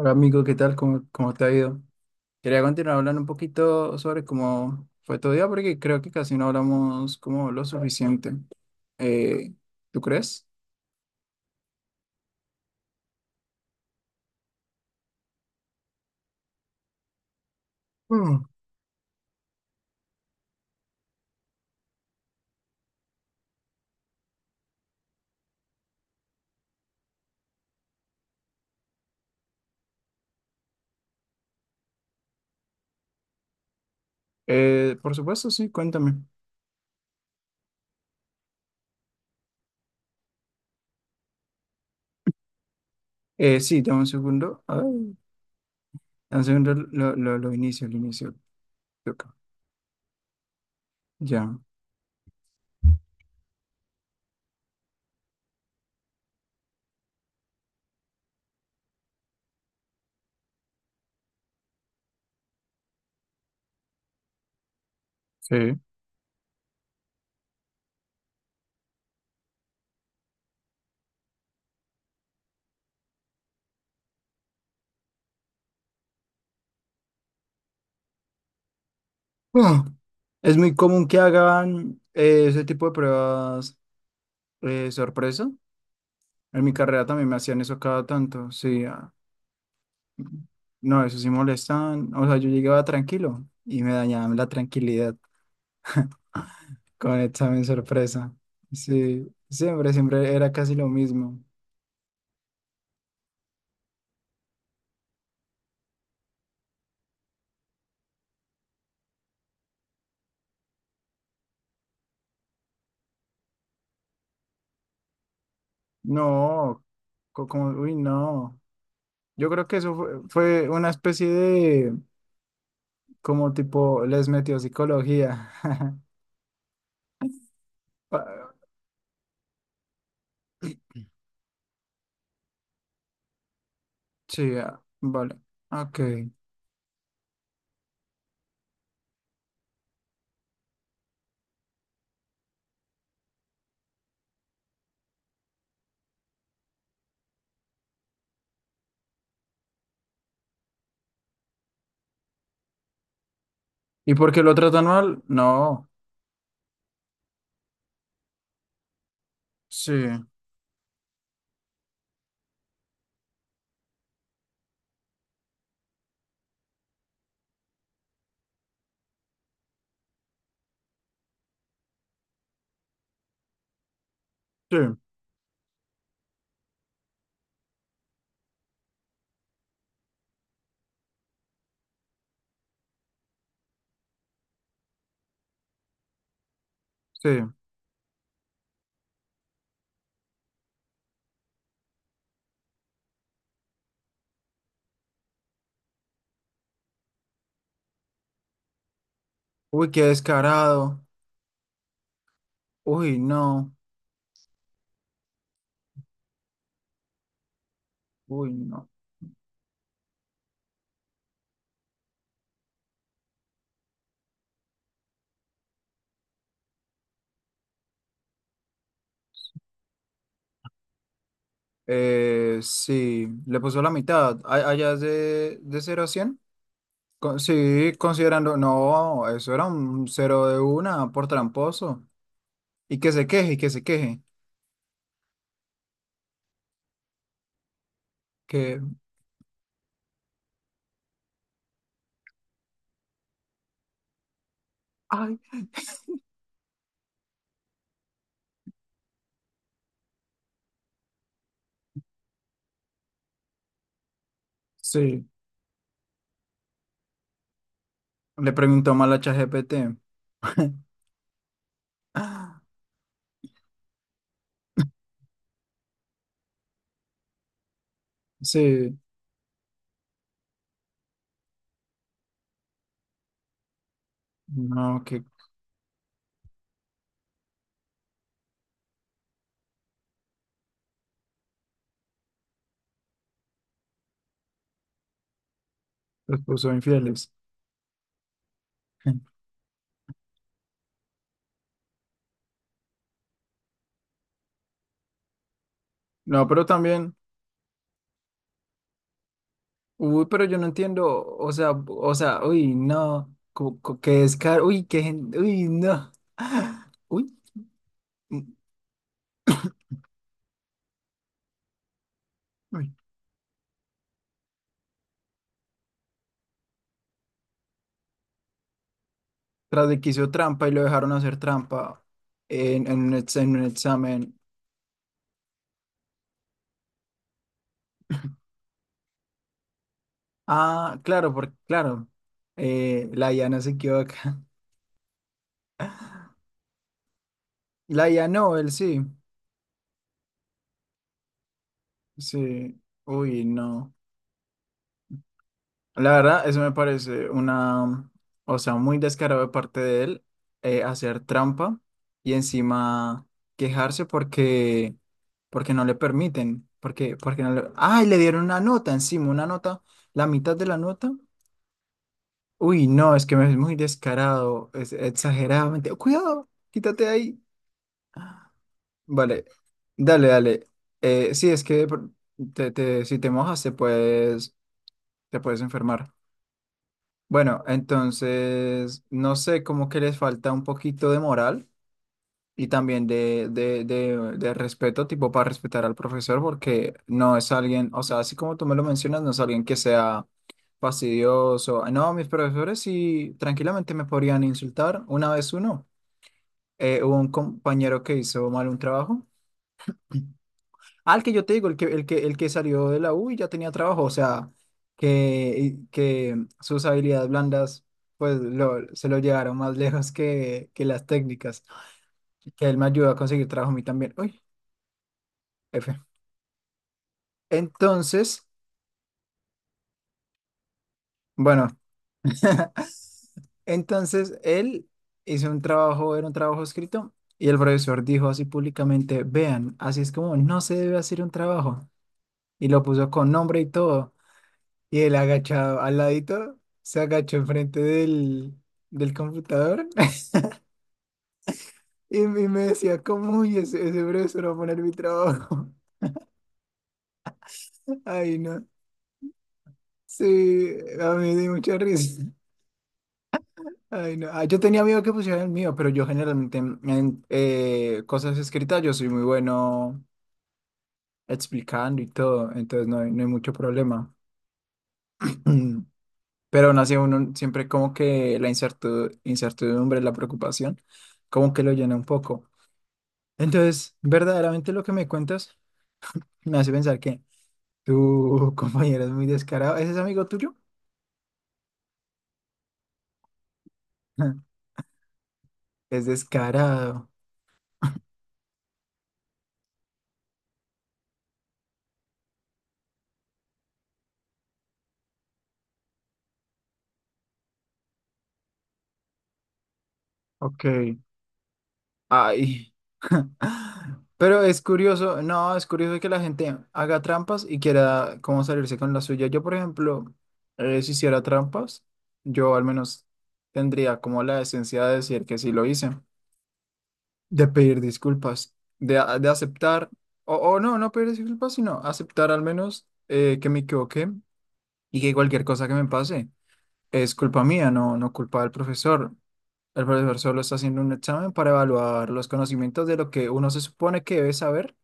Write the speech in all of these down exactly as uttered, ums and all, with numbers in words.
Hola amigo, ¿qué tal? ¿Cómo, cómo te ha ido? Quería continuar hablando un poquito sobre cómo fue tu día, porque creo que casi no hablamos como lo suficiente. Eh, ¿tú crees? Mm, eh, por supuesto, sí, cuéntame. Eh, sí, dame un segundo. A ver, dame un segundo, lo, lo, lo inicio, lo inicio. Toca. Ya. Sí. Ah, es muy común que hagan eh, ese tipo de pruebas eh, sorpresa. En mi carrera también me hacían eso cada tanto, sí. Ah. No, eso sí molestaban. O sea, yo llegaba tranquilo y me dañaban la tranquilidad con el examen sorpresa. Sí, siempre, siempre era casi lo mismo. No, co- como, uy, no. Yo creo que eso fue, fue una especie de, como tipo, les metió psicología. Pa- Sí, ah, vale. Ok. ¿Y por qué lo tratan mal? No. Sí, sí, sí. Uy, qué descarado. Uy, no. Uy, no. Eh, sí, le puso la mitad. A- ¿Allá es de, de cero a cien? Con- sí, considerando, no, eso era un cero de una por tramposo. Y que se queje, y que se queje. Que, ay, sí, le preguntó mal a ChatGPT. Sí, no, que les puso infieles. No, pero también, uy, pero yo no entiendo, o sea, o sea, uy, no, co- co- qué descaro, uy, qué, gen- uy, no, uy, mm, uy. Tras de que hizo trampa y lo dejaron hacer trampa en, en un, ex- en un examen. Ah, claro, porque, claro, eh, la I A no se equivoca. La I A no, él sí. Sí. Uy, no. La verdad, eso me parece una, o sea, muy descarado de parte de él, eh, hacer trampa y encima quejarse porque, porque no le permiten. Porque, porque no le... ¡Ay! Le dieron una nota encima, una nota, la mitad de la nota. Uy, no, es que me ves muy descarado, es exageradamente. Cuidado, quítate de ahí. Vale, dale, dale. Eh, sí, es que por- te- te- si te mojas te puedes, te puedes enfermar. Bueno, entonces, no sé, como que les falta un poquito de moral y también de, de, de, de respeto, tipo para respetar al profesor, porque no es alguien, o sea, así como tú me lo mencionas, no es alguien que sea fastidioso. No, mis profesores sí tranquilamente me podrían insultar una vez uno. eh, hubo un compañero que hizo mal un trabajo. Ah, el que yo te digo, el que, el que, el que salió de la U y ya tenía trabajo, o sea, que, que sus habilidades blandas, pues lo, se lo llevaron más lejos que, que las técnicas, que él me ayudó a conseguir trabajo a mí también. Uy, F. Entonces, bueno, entonces él hizo un trabajo, era un trabajo escrito, y el profesor dijo así públicamente: vean, así es como no se debe hacer un trabajo, y lo puso con nombre y todo. Y él agachado al ladito, se agachó enfrente del, del computador y, me me decía, ¿cómo? Uy, ese, ese profesor va a poner mi trabajo. Ay, no. Sí, a mí me dio mucha risa. Ay, no. Ah, yo tenía miedo que pusieran el mío, pero yo generalmente en, en, eh, cosas escritas yo soy muy bueno explicando y todo, entonces no hay, no hay mucho problema. Pero aún así uno siempre como que la incertu- incertidumbre, la preocupación, como que lo llena un poco. Entonces, verdaderamente lo que me cuentas me hace pensar que tu compañero es muy descarado. ¿Ese es amigo tuyo? Es descarado. Ok. Ay. Pero es curioso, no, es curioso que la gente haga trampas y quiera como salirse con la suya. Yo, por ejemplo, eh, si hiciera trampas, yo al menos tendría como la esencia de decir que sí lo hice. De pedir disculpas, de, a- de aceptar, o, o no, no pedir disculpas, sino aceptar al menos eh, que me equivoqué y que cualquier cosa que me pase es culpa mía, no, no culpa del profesor. El profesor solo está haciendo un examen para evaluar los conocimientos de lo que uno se supone que debe saber,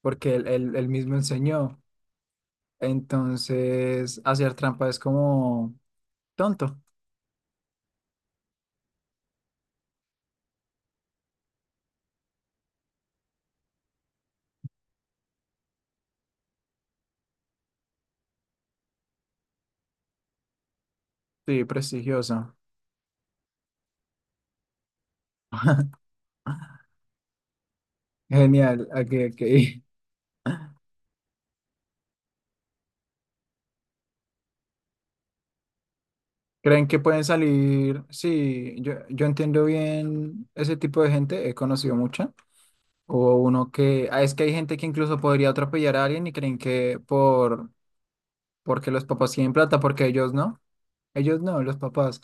porque él, él, él mismo enseñó. Entonces, hacer trampa es como tonto, sí, prestigioso. Genial, ok, ok. ¿Creen que pueden salir? Sí, yo, yo entiendo bien ese tipo de gente, he conocido mucha. O uno que, ah, es que hay gente que incluso podría atropellar a alguien y creen que por, porque los papás tienen plata, porque ellos no, ellos no, los papás,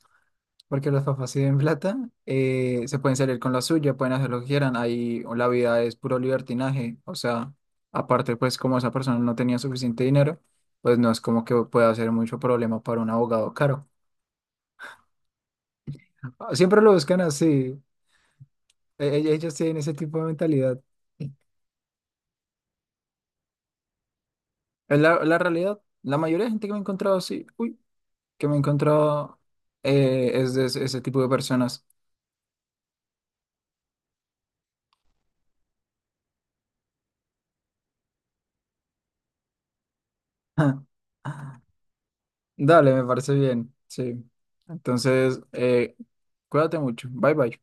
porque los papás tienen plata, eh, se pueden salir con la suya, pueden hacer lo que quieran, ahí la vida es puro libertinaje, o sea, aparte pues como esa persona no tenía suficiente dinero, pues no es como que pueda ser mucho problema para un abogado caro. Ah, siempre lo buscan así. E- e- Ellos tienen ese tipo de mentalidad. Sí. Es la, la realidad. La mayoría de gente que me he encontrado sí uy, que me he encontrado eh, es de ese, ese tipo de personas. Dale, me parece bien. Sí. Entonces, eh, cuídate mucho. Bye bye.